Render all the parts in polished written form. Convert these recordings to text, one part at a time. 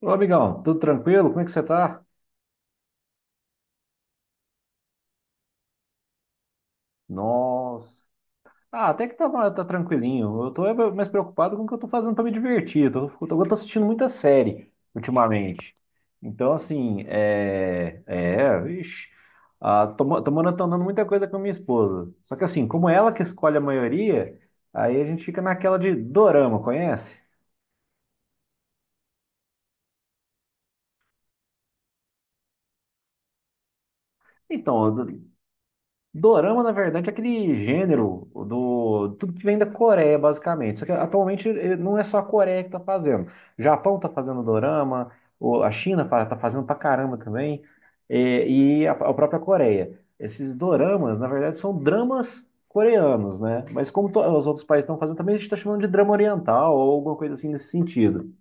Ô, amigão, tudo tranquilo? Como é que você tá? Nossa. Ah, até que tá, tá tranquilinho. Eu tô é mais preocupado com o que eu tô fazendo pra me divertir. Eu tô assistindo muita série ultimamente. Então, assim, é. É, vixe. Ah, tô, tô maratonando muita coisa com a minha esposa. Só que, assim, como ela que escolhe a maioria, aí a gente fica naquela de dorama, conhece? Então, Dorama, na verdade, é aquele gênero do tudo que vem da Coreia, basicamente. Só que atualmente não é só a Coreia que está fazendo. O Japão está fazendo dorama, a China está fazendo pra caramba também, e a própria Coreia. Esses doramas, na verdade, são dramas coreanos, né? Mas como os outros países estão fazendo, também a gente está chamando de drama oriental ou alguma coisa assim nesse sentido.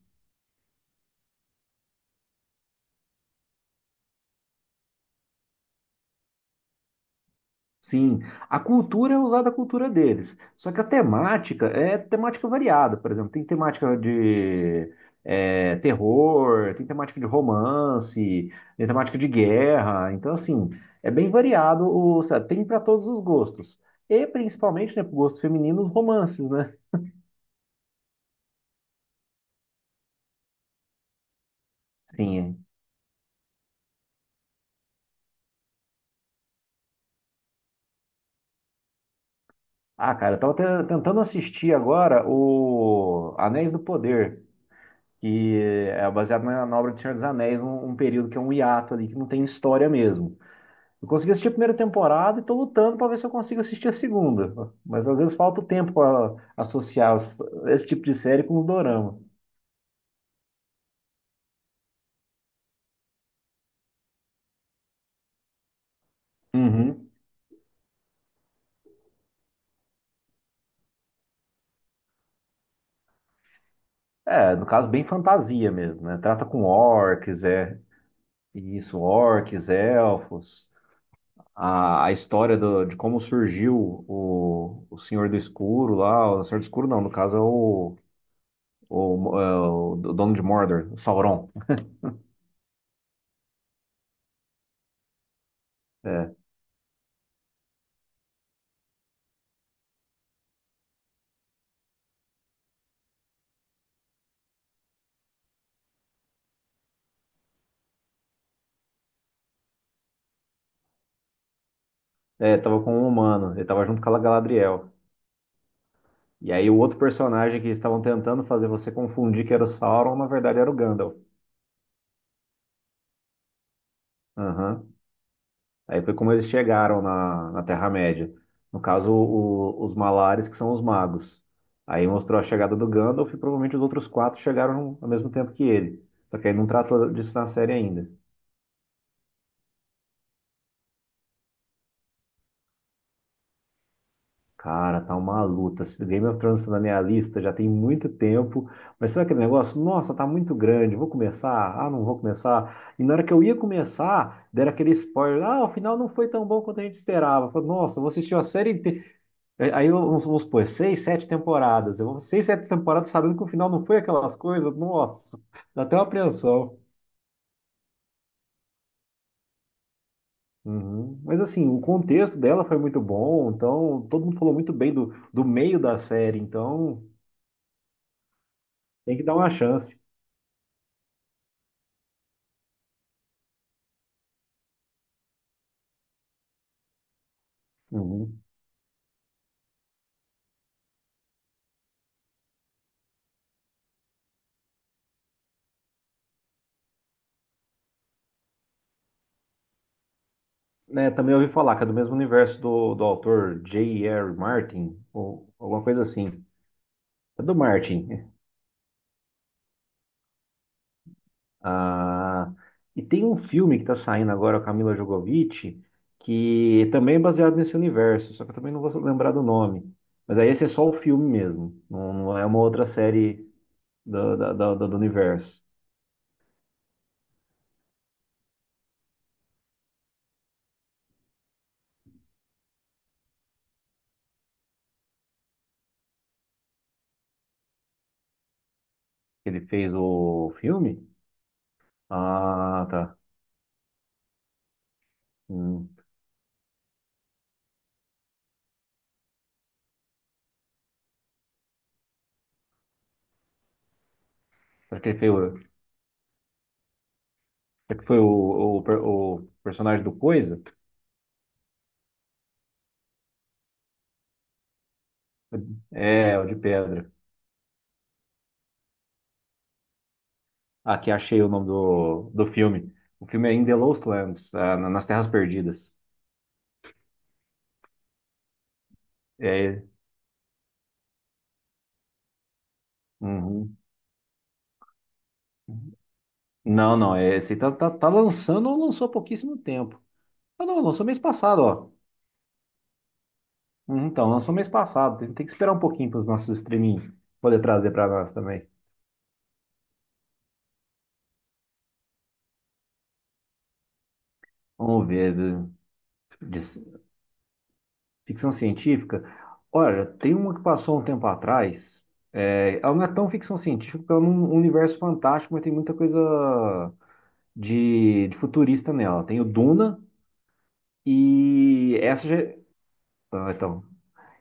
Sim, a cultura é usada a cultura deles, só que a temática é temática variada, por exemplo, tem temática de é, terror, tem temática de romance, tem temática de guerra, então assim, é bem variado, o, sabe, tem para todos os gostos, e principalmente, né, para gostos femininos, romances, né? Sim, é. Ah, cara, eu tava tentando assistir agora o Anéis do Poder, que é baseado na obra do Senhor dos Anéis, um período que é um hiato ali, que não tem história mesmo. Eu consegui assistir a primeira temporada e estou lutando para ver se eu consigo assistir a segunda. Mas às vezes falta o tempo para associar esse tipo de série com os dorama. Uhum. É, no caso, bem fantasia mesmo, né? Trata com orcs, é. Isso, orcs, elfos. A história de como surgiu o Senhor do Escuro lá. O Senhor do Escuro não, no caso é é o dono de Mordor, o Sauron. É, é, tava com um humano, ele tava junto com a Galadriel. E aí o outro personagem que estavam tentando fazer você confundir que era o Sauron, na verdade era o Gandalf. Aham. Aí foi como eles chegaram na, na Terra-média. No caso, os Malares, que são os magos. Aí mostrou a chegada do Gandalf e provavelmente os outros quatro chegaram ao mesmo tempo que ele. Só que aí não tratou disso na série ainda. Cara, tá uma luta. Se Game of Thrones tá na minha lista já tem muito tempo, mas sabe aquele negócio? Nossa, tá muito grande, vou começar? Ah, não vou começar. E na hora que eu ia começar, deram aquele spoiler. Ah, o final não foi tão bom quanto a gente esperava. Eu falei, nossa, eu vou assistir a série inteira. Aí, vamos, vamos supor, seis, sete temporadas. Eu vou seis, sete temporadas sabendo que o final não foi aquelas coisas. Nossa, dá até uma apreensão. Uhum. Mas assim, o contexto dela foi muito bom, então todo mundo falou muito bem do, do meio da série, então tem que dar uma chance. Uhum. Né, também ouvi falar que é do mesmo universo do, do autor J. R. Martin, ou alguma coisa assim. É do Martin. Ah, e tem um filme que tá saindo agora, com a Camila Jovovich, que também é baseado nesse universo, só que eu também não vou lembrar do nome. Mas aí esse é só o filme mesmo, não, não é uma outra série do, da- da- da- do universo. Ele fez o filme? Ah, tá. Hum. Será que ele fez o, será que foi o personagem do Coisa? É, o de pedra. Aqui achei o nome do, do filme. O filme é In the Lost Lands, ah, nas Terras Perdidas. É, uhum. Não, não, é, esse tá, tá, tá lançando ou lançou há pouquíssimo tempo. Ah, não, lançou mês passado, ó. Uhum, então, lançou mês passado. Tem, tem que esperar um pouquinho para os nossos streaming poder trazer para nós também. Vamos ver. De ficção científica. Olha, tem uma que passou um tempo atrás. É, ela não é tão ficção científica, porque ela é um universo fantástico, mas tem muita coisa de futurista nela. Tem o Duna e essa já... é, ah, então.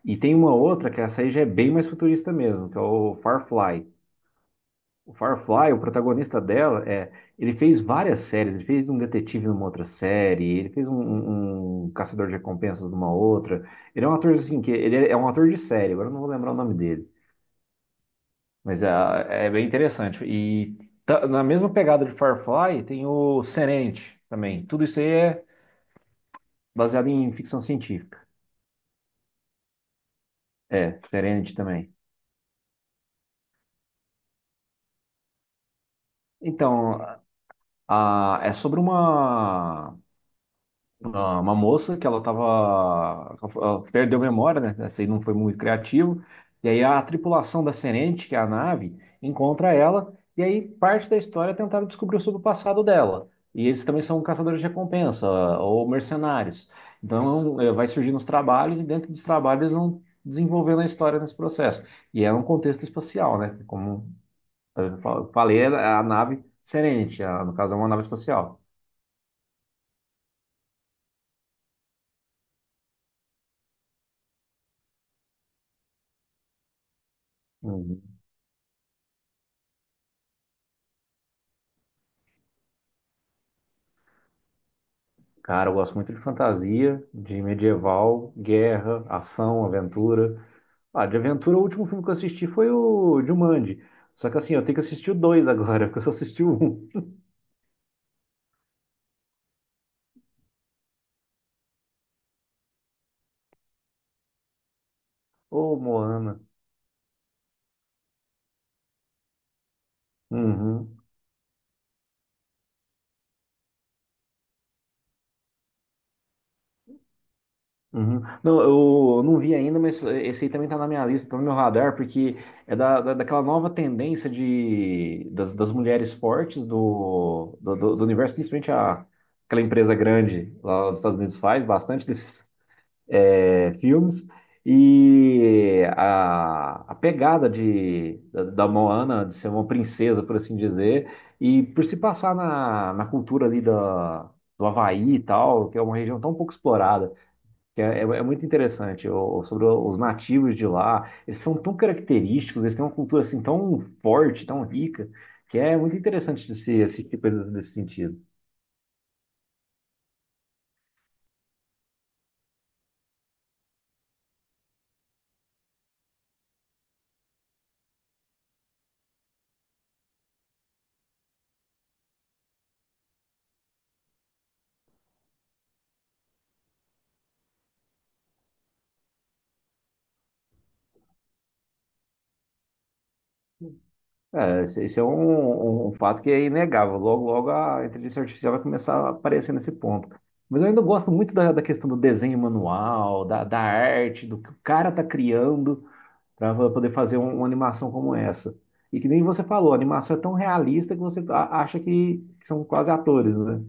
E tem uma outra que essa aí já é bem mais futurista mesmo, que é o Firefly. O Firefly, o protagonista dela, é, ele fez várias séries. Ele fez um detetive numa outra série, ele fez um caçador de recompensas numa outra. Ele é um ator assim que ele é um ator de série. Agora eu não vou lembrar o nome dele, mas é, é bem interessante. E na mesma pegada de Firefly tem o Serenity também. Tudo isso aí é baseado em ficção científica. É, Serenity também. Então, é sobre uma moça que ela tava. Ela perdeu a memória, né? Essa aí não foi muito criativo. E aí a tripulação da Serenity, que é a nave, encontra ela. E aí parte da história é tentar descobrir sobre o passado dela. E eles também são caçadores de recompensa ou mercenários. Então, é, um, é, vai surgindo os trabalhos e dentro dos trabalhos eles vão desenvolvendo a história nesse processo. E é um contexto espacial, né? Como eu falei a nave Serenity, no caso é uma nave espacial. Uhum. Cara, eu gosto muito de fantasia, de medieval, guerra, ação, aventura. Ah, de aventura, o último filme que eu assisti foi o Jumanji. Só que assim, eu tenho que assistir o dois agora, porque eu só assisti o um. Ô, Moana. Uhum. Uhum. Não, eu não vi ainda, mas esse aí também tá na minha lista, tá no meu radar, porque é da, daquela nova tendência de, das, das mulheres fortes do universo, principalmente aquela empresa grande lá dos Estados Unidos faz bastante desses é, filmes, e a pegada de, da, da Moana, de ser uma princesa, por assim dizer, e por se passar na, na cultura ali da, do Havaí e tal, que é uma região tão pouco explorada que é, é muito interessante, sobre os nativos de lá. Eles são tão característicos, eles têm uma cultura assim tão forte, tão rica, que é muito interessante esse, esse tipo de coisa nesse sentido. É, esse é um, um fato que é inegável. Logo, logo a inteligência artificial vai começar a aparecer nesse ponto. Mas eu ainda gosto muito da, da questão do desenho manual, da, da arte, do que o cara tá criando para poder fazer uma animação como essa. E que nem você falou, a animação é tão realista que você acha que são quase atores, né?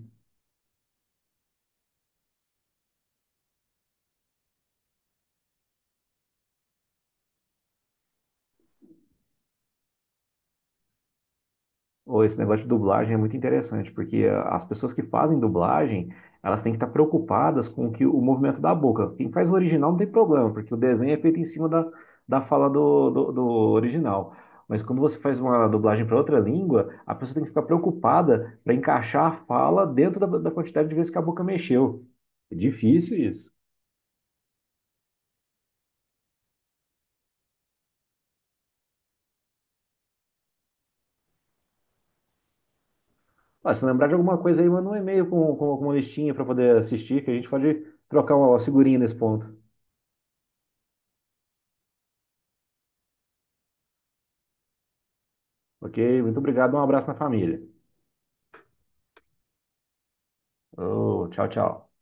Ou esse negócio de dublagem é muito interessante, porque ah, as pessoas que fazem dublagem, elas têm que estar preocupadas com o que, o movimento da boca. Quem faz o original não tem problema, porque o desenho é feito em cima da, da fala do, do, do original. Mas quando você faz uma dublagem para outra língua, a pessoa tem que ficar preocupada para encaixar a fala dentro da, da quantidade de vezes que a boca mexeu. É difícil isso. Ah, se lembrar de alguma coisa aí, manda um e-mail com alguma listinha para poder assistir, que a gente pode trocar uma figurinha nesse ponto. Ok? Muito obrigado, um abraço na família. Oh, tchau, tchau.